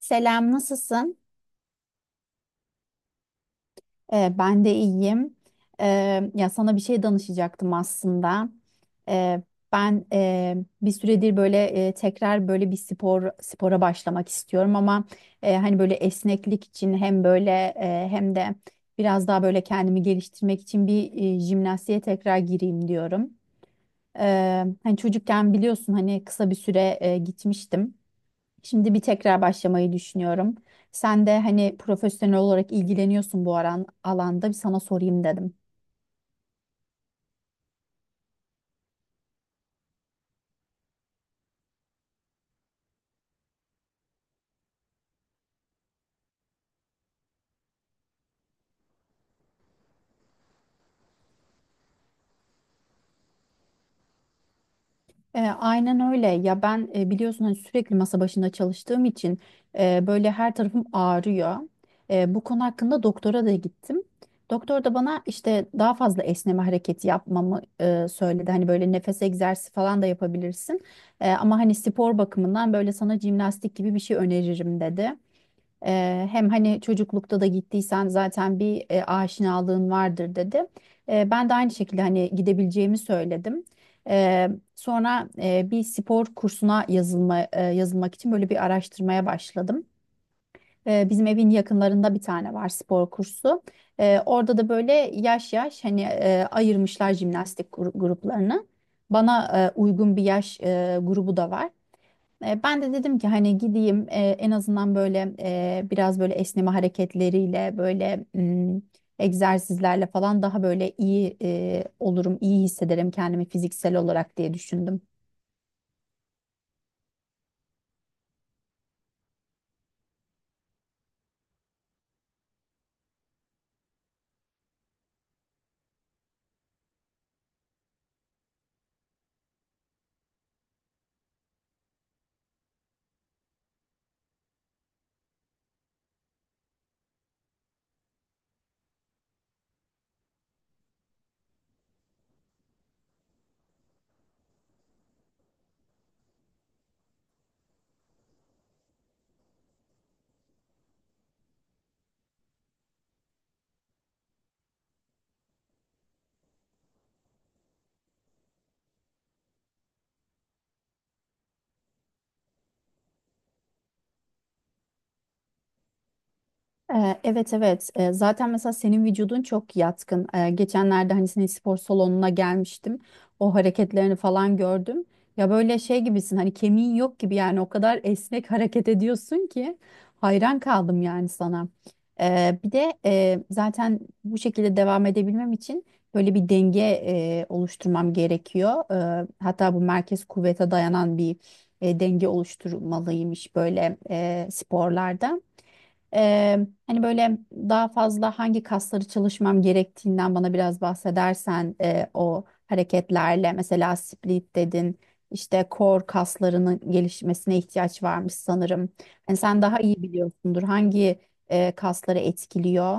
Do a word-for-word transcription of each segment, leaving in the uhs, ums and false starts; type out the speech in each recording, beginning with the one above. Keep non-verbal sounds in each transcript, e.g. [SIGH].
Selam, nasılsın? Ee, ben de iyiyim. Ee, ya sana bir şey danışacaktım aslında. Ee, ben e, bir süredir böyle e, tekrar böyle bir spor spora başlamak istiyorum ama e, hani böyle esneklik için hem böyle e, hem de biraz daha böyle kendimi geliştirmek için bir e, jimnastiğe tekrar gireyim diyorum. Ee, hani çocukken biliyorsun hani kısa bir süre e, gitmiştim. Şimdi bir tekrar başlamayı düşünüyorum. Sen de hani profesyonel olarak ilgileniyorsun bu aran, alanda bir sana sorayım dedim. E, aynen öyle. Ya ben e, biliyorsun hani sürekli masa başında çalıştığım için e, böyle her tarafım ağrıyor. E, bu konu hakkında doktora da gittim. Doktor da bana işte daha fazla esneme hareketi yapmamı e, söyledi. Hani böyle nefes egzersizi falan da yapabilirsin. E, ama hani spor bakımından böyle sana jimnastik gibi bir şey öneririm dedi. Eee, hem hani çocuklukta da gittiysen zaten bir e, aşinalığın vardır dedi. Eee, ben de aynı şekilde hani gidebileceğimi söyledim. Eee, Sonra e, bir spor kursuna yazılma, e, yazılmak için böyle bir araştırmaya başladım. Eee, bizim evin yakınlarında bir tane var spor kursu. Eee, orada da böyle yaş yaş hani e, ayırmışlar jimnastik gru- gruplarını. Bana e, uygun bir yaş e, grubu da var. E, Ben de dedim ki hani gideyim e, en azından böyle e, biraz böyle esneme hareketleriyle böyle m, egzersizlerle falan daha böyle iyi e, olurum, iyi hissederim kendimi fiziksel olarak diye düşündüm. Ee, Evet, evet. Ee, zaten mesela senin vücudun çok yatkın. Ee, geçenlerde hani senin spor salonuna gelmiştim, o hareketlerini falan gördüm, ya böyle şey gibisin hani kemiğin yok gibi yani o kadar esnek [LAUGHS] hareket ediyorsun ki hayran kaldım yani sana. Ee, bir de e, zaten bu şekilde devam edebilmem için böyle bir denge e, oluşturmam gerekiyor. Ee, hatta bu merkez kuvvete dayanan bir e, denge oluşturmalıymış böyle e, sporlarda. Eee, hani böyle daha fazla hangi kasları çalışmam gerektiğinden bana biraz bahsedersen eee, o hareketlerle mesela split dedin, işte core kaslarının gelişmesine ihtiyaç varmış sanırım. Hani sen daha iyi biliyorsundur hangi eee, kasları etkiliyor?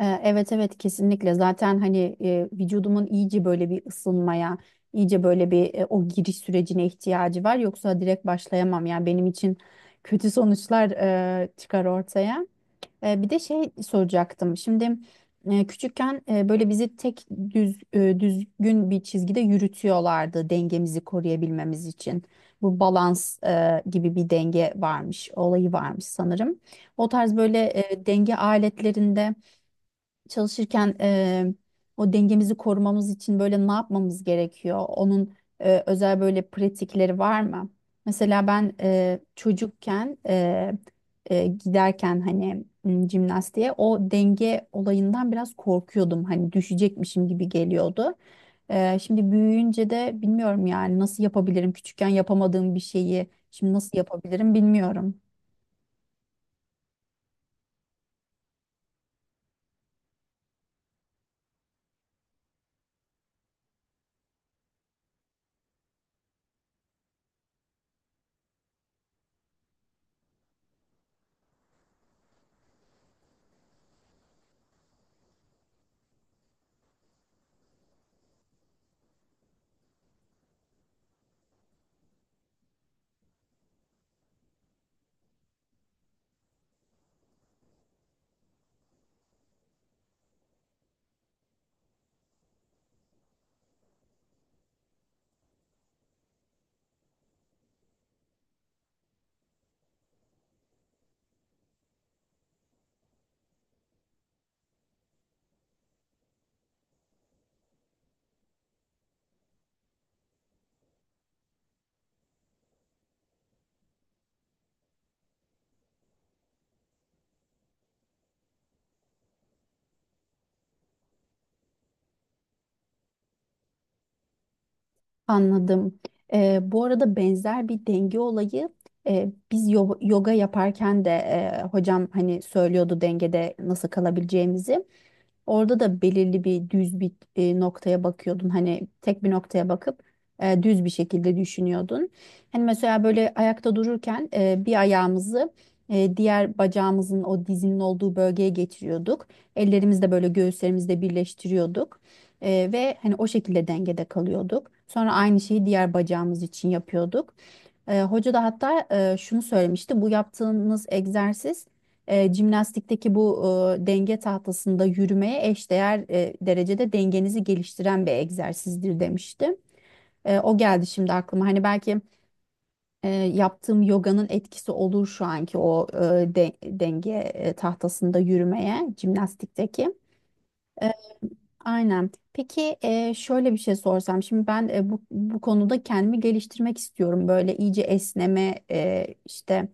Ee, Evet, evet, kesinlikle. Zaten hani e, vücudumun iyice böyle bir ısınmaya, iyice böyle bir e, o giriş sürecine ihtiyacı var, yoksa direkt başlayamam yani. Benim için kötü sonuçlar e, çıkar ortaya. E, bir de şey soracaktım şimdi. E, küçükken e, böyle bizi tek düz e, düzgün bir çizgide yürütüyorlardı dengemizi koruyabilmemiz için. Bu balans e, gibi bir denge varmış olayı varmış sanırım. O tarz böyle e, denge aletlerinde çalışırken eee, o dengemizi korumamız için böyle ne yapmamız gerekiyor? Onun eee, özel böyle pratikleri var mı? Mesela ben eee, çocukken eee, eee, giderken hani m, jimnastiğe o denge olayından biraz korkuyordum. Hani düşecekmişim gibi geliyordu. Eee, şimdi büyüyünce de bilmiyorum yani nasıl yapabilirim? Küçükken yapamadığım bir şeyi şimdi nasıl yapabilirim bilmiyorum. Anladım. Ee, bu arada benzer bir denge olayı e, biz yo- yoga yaparken de e, hocam hani söylüyordu dengede nasıl kalabileceğimizi. Orada da belirli bir düz bir e, noktaya bakıyordun. Hani tek bir noktaya bakıp e, düz bir şekilde düşünüyordun. Hani mesela böyle ayakta dururken e, bir ayağımızı e, diğer bacağımızın o dizinin olduğu bölgeye getiriyorduk. Ellerimizi böyle göğüslerimizde birleştiriyorduk. E, ve hani o şekilde dengede kalıyorduk. Sonra aynı şeyi diğer bacağımız için yapıyorduk. E, hoca da hatta e, şunu söylemişti. Bu yaptığınız egzersiz e, jimnastikteki bu e, denge tahtasında yürümeye eşdeğer e, derecede dengenizi geliştiren bir egzersizdir demişti. E, o geldi şimdi aklıma. Hani belki e, yaptığım yoganın etkisi olur şu anki o e, de- denge e, tahtasında yürümeye, jimnastikteki. E, aynen. Peki e, şöyle bir şey sorsam. Şimdi ben e, bu, bu konuda kendimi geliştirmek istiyorum. Böyle iyice esneme e, işte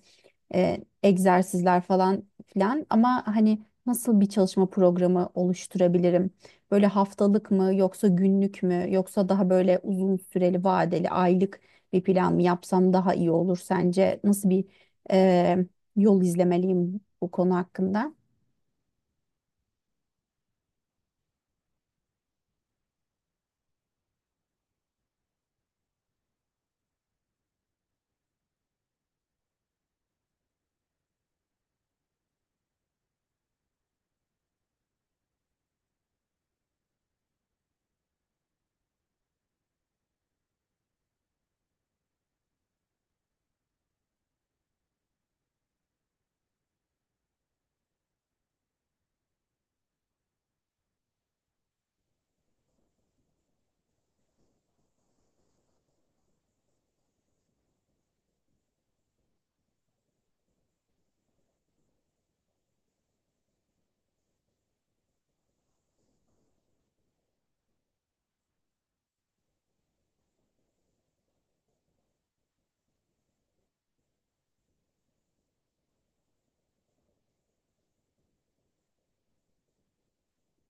e, egzersizler falan filan, ama hani nasıl bir çalışma programı oluşturabilirim? Böyle haftalık mı yoksa günlük mü yoksa daha böyle uzun süreli vadeli aylık bir plan mı yapsam daha iyi olur sence? Nasıl bir e, yol izlemeliyim bu konu hakkında?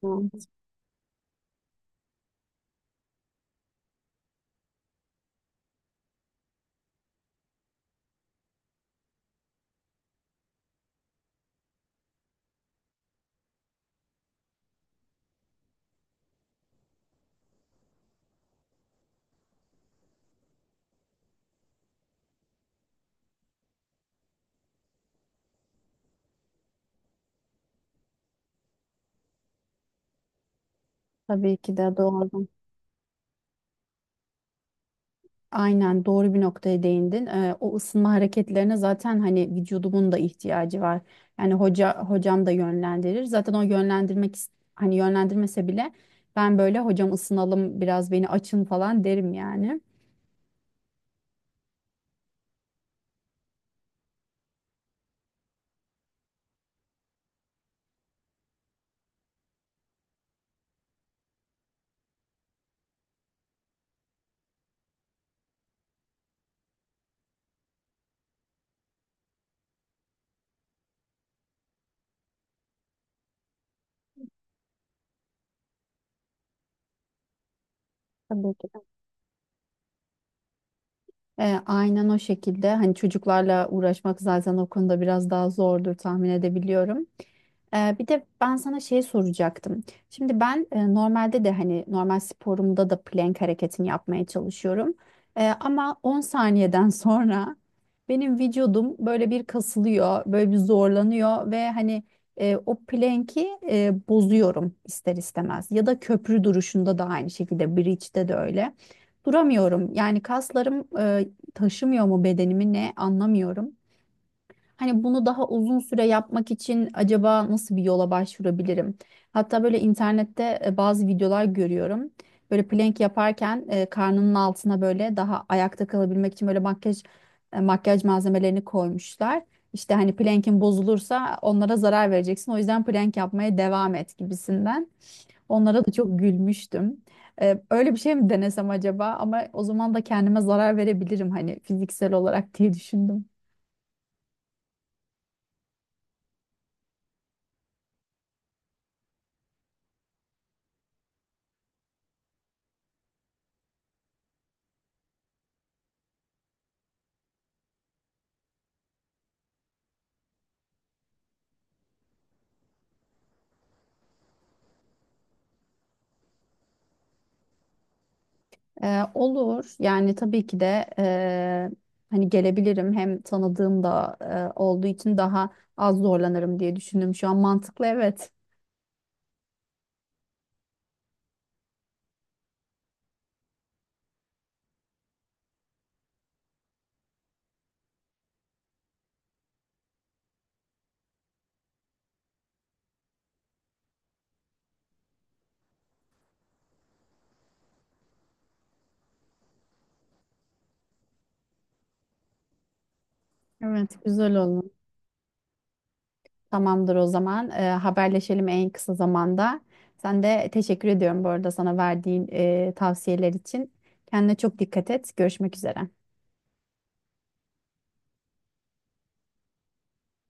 Hı, Tabii ki de doğru. Aynen, doğru bir noktaya değindin. Ee, o ısınma hareketlerine zaten hani vücudumun da ihtiyacı var. Yani hoca hocam da yönlendirir. Zaten o yönlendirmek is- hani yönlendirmese bile ben böyle hocam ısınalım biraz beni açın falan derim yani. Tabii ki. E, aynen o şekilde. Hani çocuklarla uğraşmak zaten o konuda biraz daha zordur, tahmin edebiliyorum. E, bir de ben sana şey soracaktım. Şimdi ben e, normalde de hani normal sporumda da plank hareketini yapmaya çalışıyorum. E, ama on saniyeden [LAUGHS] sonra benim vücudum böyle bir kasılıyor, böyle bir zorlanıyor ve hani e, o plank'i e, bozuyorum ister istemez. Ya da köprü duruşunda da aynı şekilde, bridge'de de öyle duramıyorum. Yani kaslarım taşımıyor mu bedenimi ne anlamıyorum. Hani bunu daha uzun süre yapmak için acaba nasıl bir yola başvurabilirim? Hatta böyle internette e, bazı videolar görüyorum. Böyle plank yaparken e, karnının altına böyle daha ayakta kalabilmek için böyle makyaj e, makyaj malzemelerini koymuşlar. İşte hani plank'in bozulursa onlara zarar vereceksin. O yüzden plank yapmaya devam et gibisinden. Onlara da çok gülmüştüm. Ee, öyle bir şey mi denesem acaba? Ama o zaman da kendime zarar verebilirim hani fiziksel olarak diye düşündüm. Ee, olur. Yani tabii ki de e, hani gelebilirim. Hem tanıdığım da e, olduğu için daha az zorlanırım diye düşündüm. Şu an mantıklı, evet. Evet, güzel olur. Tamamdır o zaman. Ee, haberleşelim en kısa zamanda. Sen de teşekkür ediyorum bu arada sana verdiğin e, tavsiyeler için. Kendine çok dikkat et. Görüşmek üzere.